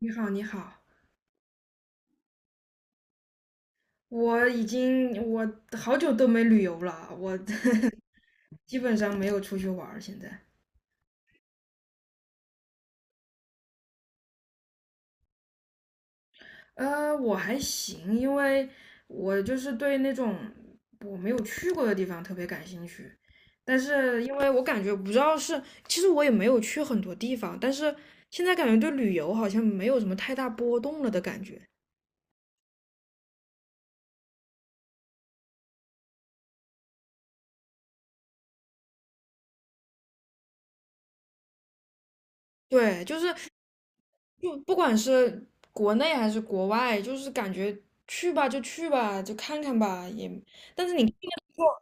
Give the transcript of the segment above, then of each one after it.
你好，你好，我已经我好久都没旅游了，我 基本上没有出去玩儿现在。我还行，因为我就是对那种我没有去过的地方特别感兴趣，但是因为我感觉不知道是，其实我也没有去很多地方，但是现在感觉对旅游好像没有什么太大波动了的感觉。对，就是就不管是国内还是国外，就是感觉去吧就去吧，就看看吧，也，但是你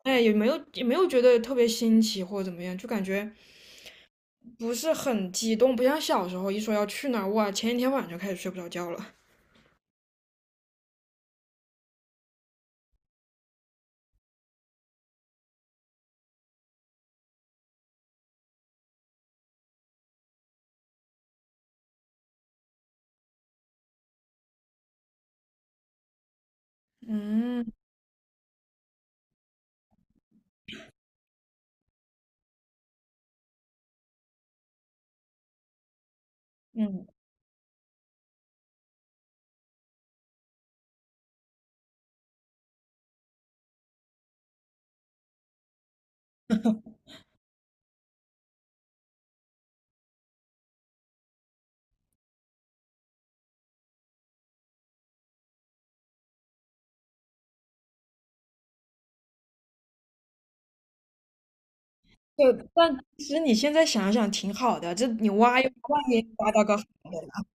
哎也没有也没有觉得特别新奇或者怎么样，就感觉不是很激动，不像小时候一说要去哪儿，哇，前一天晚上就开始睡不着觉了。嗯嗯，对，但其实你现在想想挺好的，这你挖一挖，万一挖到个好的呢。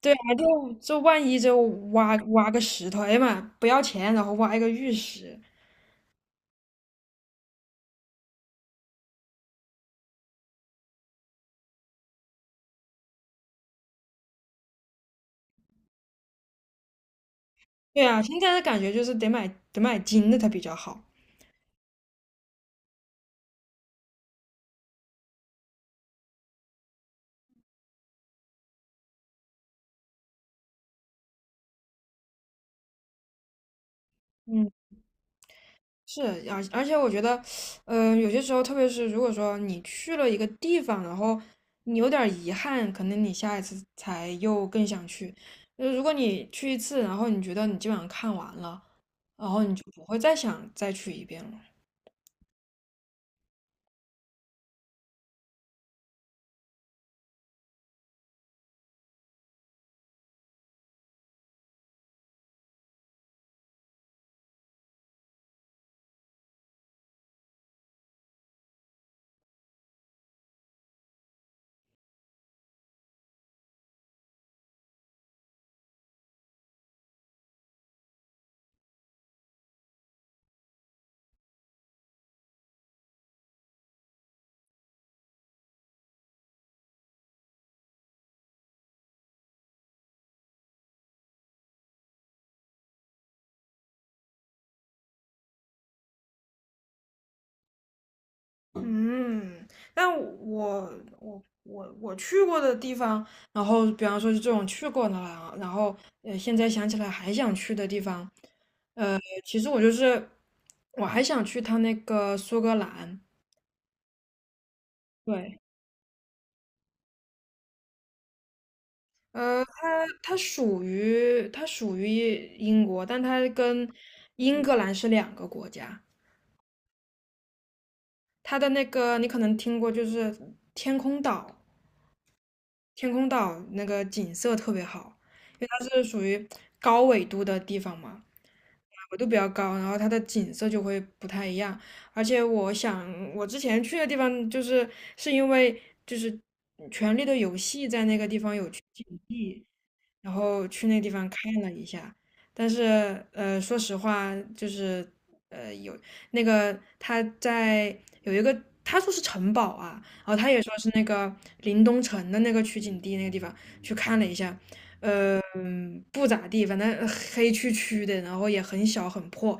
对啊，就就万一就挖挖个石头，哎呀妈不要钱，然后挖一个玉石。对啊，现在的感觉就是得买金的它比较好。嗯，是，而且我觉得，有些时候，特别是如果说你去了一个地方，然后你有点儿遗憾，可能你下一次才又更想去。如果你去一次，然后你觉得你基本上看完了，然后你就不会再想再去一遍了。嗯，但我我去过的地方，然后比方说是这种去过的啊，然后现在想起来还想去的地方，其实我就是我还想去他那个苏格兰，对，它属于英国，但它跟英格兰是两个国家。它的那个你可能听过，就是天空岛。天空岛那个景色特别好，因为它是属于高纬度的地方嘛，纬度比较高，然后它的景色就会不太一样。而且我想，我之前去的地方就是是因为就是权力的游戏》在那个地方有取景地，然后去那地方看了一下，但是说实话，就是有那个他在有一个他说是城堡啊，然后他也说是那个临冬城的那个取景地那个地方去看了一下，不咋地，反正黑黢黢的，然后也很小很破，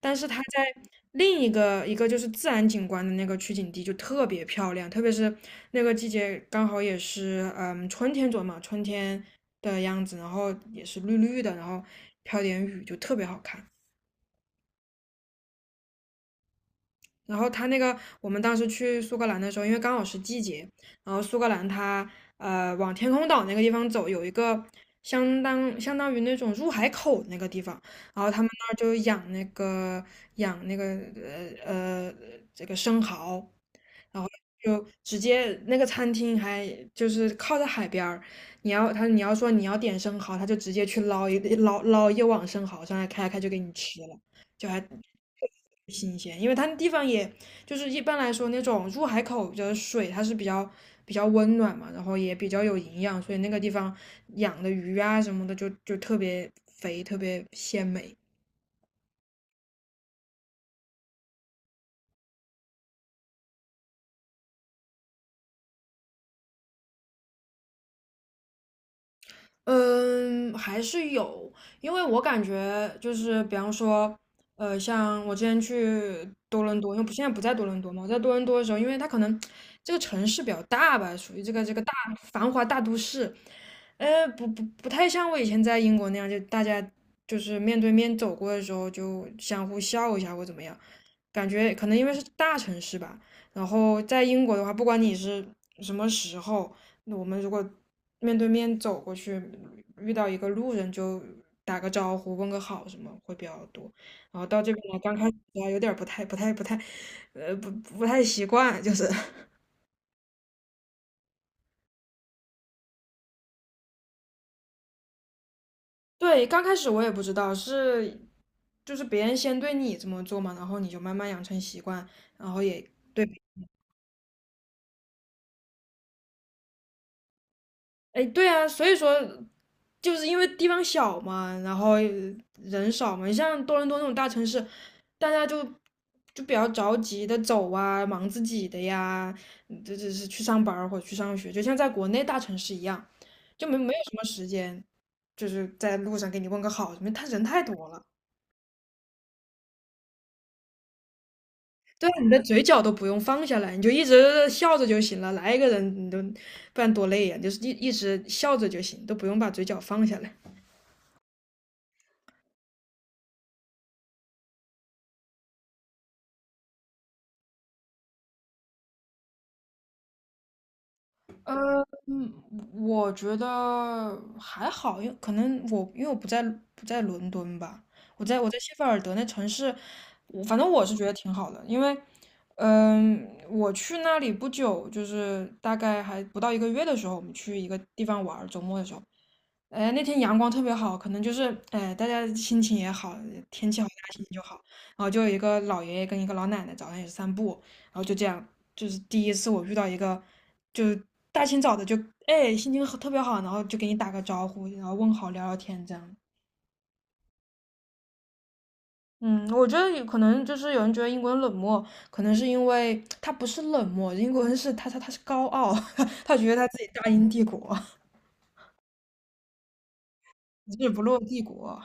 但是他在另一个就是自然景观的那个取景地就特别漂亮，特别是那个季节刚好也是春天左右嘛，春天的样子，然后也是绿绿的，然后飘点雨，就特别好看。然后它那个，我们当时去苏格兰的时候，因为刚好是季节，然后苏格兰它往天空岛那个地方走，有一个相当于那种入海口那个地方，然后他们那儿就养那个养那个呃呃这个生蚝，然后就直接那个餐厅还就是靠在海边儿，你要他你要说你要点生蚝，他就直接去捞一网生蚝上来开开就给你吃了，就还挺新鲜，因为它那地方也就是一般来说那种入海口的水它是比较温暖嘛，然后也比较有营养，所以那个地方养的鱼啊什么的就特别肥，特别鲜美。嗯，还是有，因为我感觉就是，比方说，像我之前去多伦多，因为不现在不在多伦多嘛，我在多伦多的时候，因为它可能这个城市比较大吧，属于这个大繁华大都市，不太像我以前在英国那样，就大家就是面对面走过的时候就相互笑一下或怎么样，感觉可能因为是大城市吧，然后在英国的话，不管你是什么时候。那我们如果面对面走过去，遇到一个路人就打个招呼，问个好什么会比较多。然后到这边来，刚开始啊有点儿不太，呃，不不太习惯，就是 对，刚开始我也不知道是，就是别人先对你这么做嘛，然后你就慢慢养成习惯，然后也对。哎，对啊，所以说就是因为地方小嘛，然后人少嘛，你像多伦多那种大城市，大家就比较着急的走啊，忙自己的呀，这是去上班儿或者去上学，就像在国内大城市一样，就没有什么时间，就是在路上给你问个好什么，他人太多了。对啊，你的嘴角都不用放下来，你就一直笑着就行了。来一个人，你都不然多累呀、你就是一直笑着就行，都不用把嘴角放下来。嗯，我觉得还好，因为可能我因为我不在伦敦吧，我在谢菲尔德那城市，我反正我是觉得挺好的，因为，嗯，我去那里不久，就是大概还不到一个月的时候，我们去一个地方玩儿，周末的时候，哎，那天阳光特别好，可能就是哎，大家心情也好，天气好，大家心情就好。然后就有一个老爷爷跟一个老奶奶早上也是散步，然后就这样，就是第一次我遇到一个，就是大清早的就哎心情好特别好，然后就给你打个招呼，然后问好聊聊天这样。嗯，我觉得有可能就是有人觉得英国人冷漠，可能是因为他不是冷漠，英国人是他是高傲，他觉得他自己大英帝国，日不落帝国。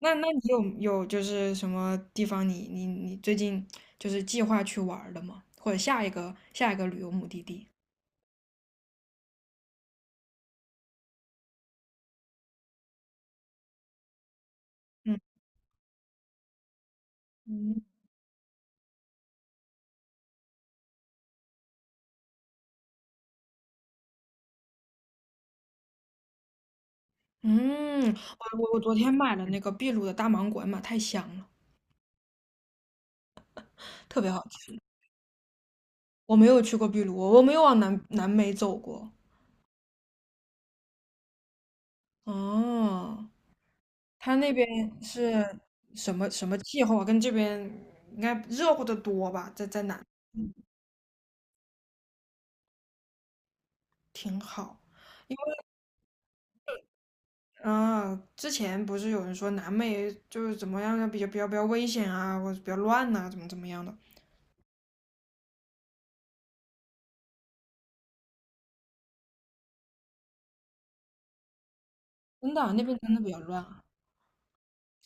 那那你有就是什么地方你最近就是计划去玩儿的吗？或者下一个旅游目的地？嗯嗯，嗯，我昨天买了那个秘鲁的大芒果，妈太香了，特别好吃。我没有去过秘鲁，我没有往南美走过。哦，它那边是什么气候啊？跟这边应该热乎的多吧？在在南挺好。嗯，之前不是有人说南美就是怎么样，比较危险啊，或者比较乱呐、怎么怎么样的？真的，那边真的比较乱啊，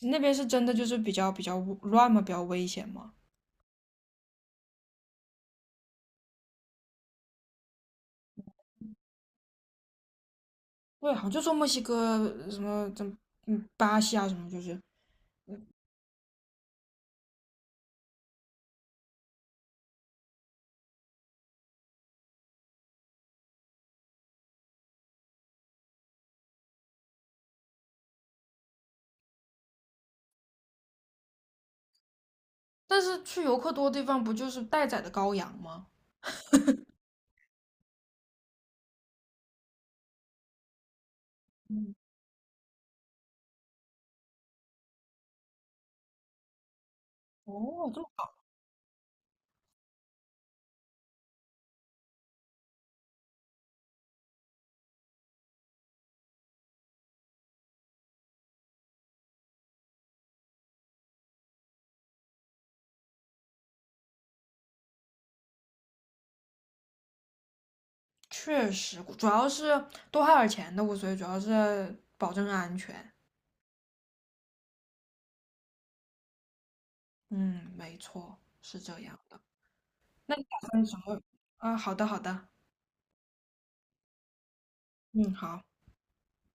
那边是真的就是比较乱嘛，比较危险嘛。对，好像就说墨西哥什么怎么嗯巴西啊什么就是，但是去游客多的地方不就是待宰的羔羊吗？嗯，哦，这么好，确实，主要是多花点钱的无所谓，主要是保证安全。嗯，没错，是这样。那你打算什么？啊，好的，好的。嗯，好。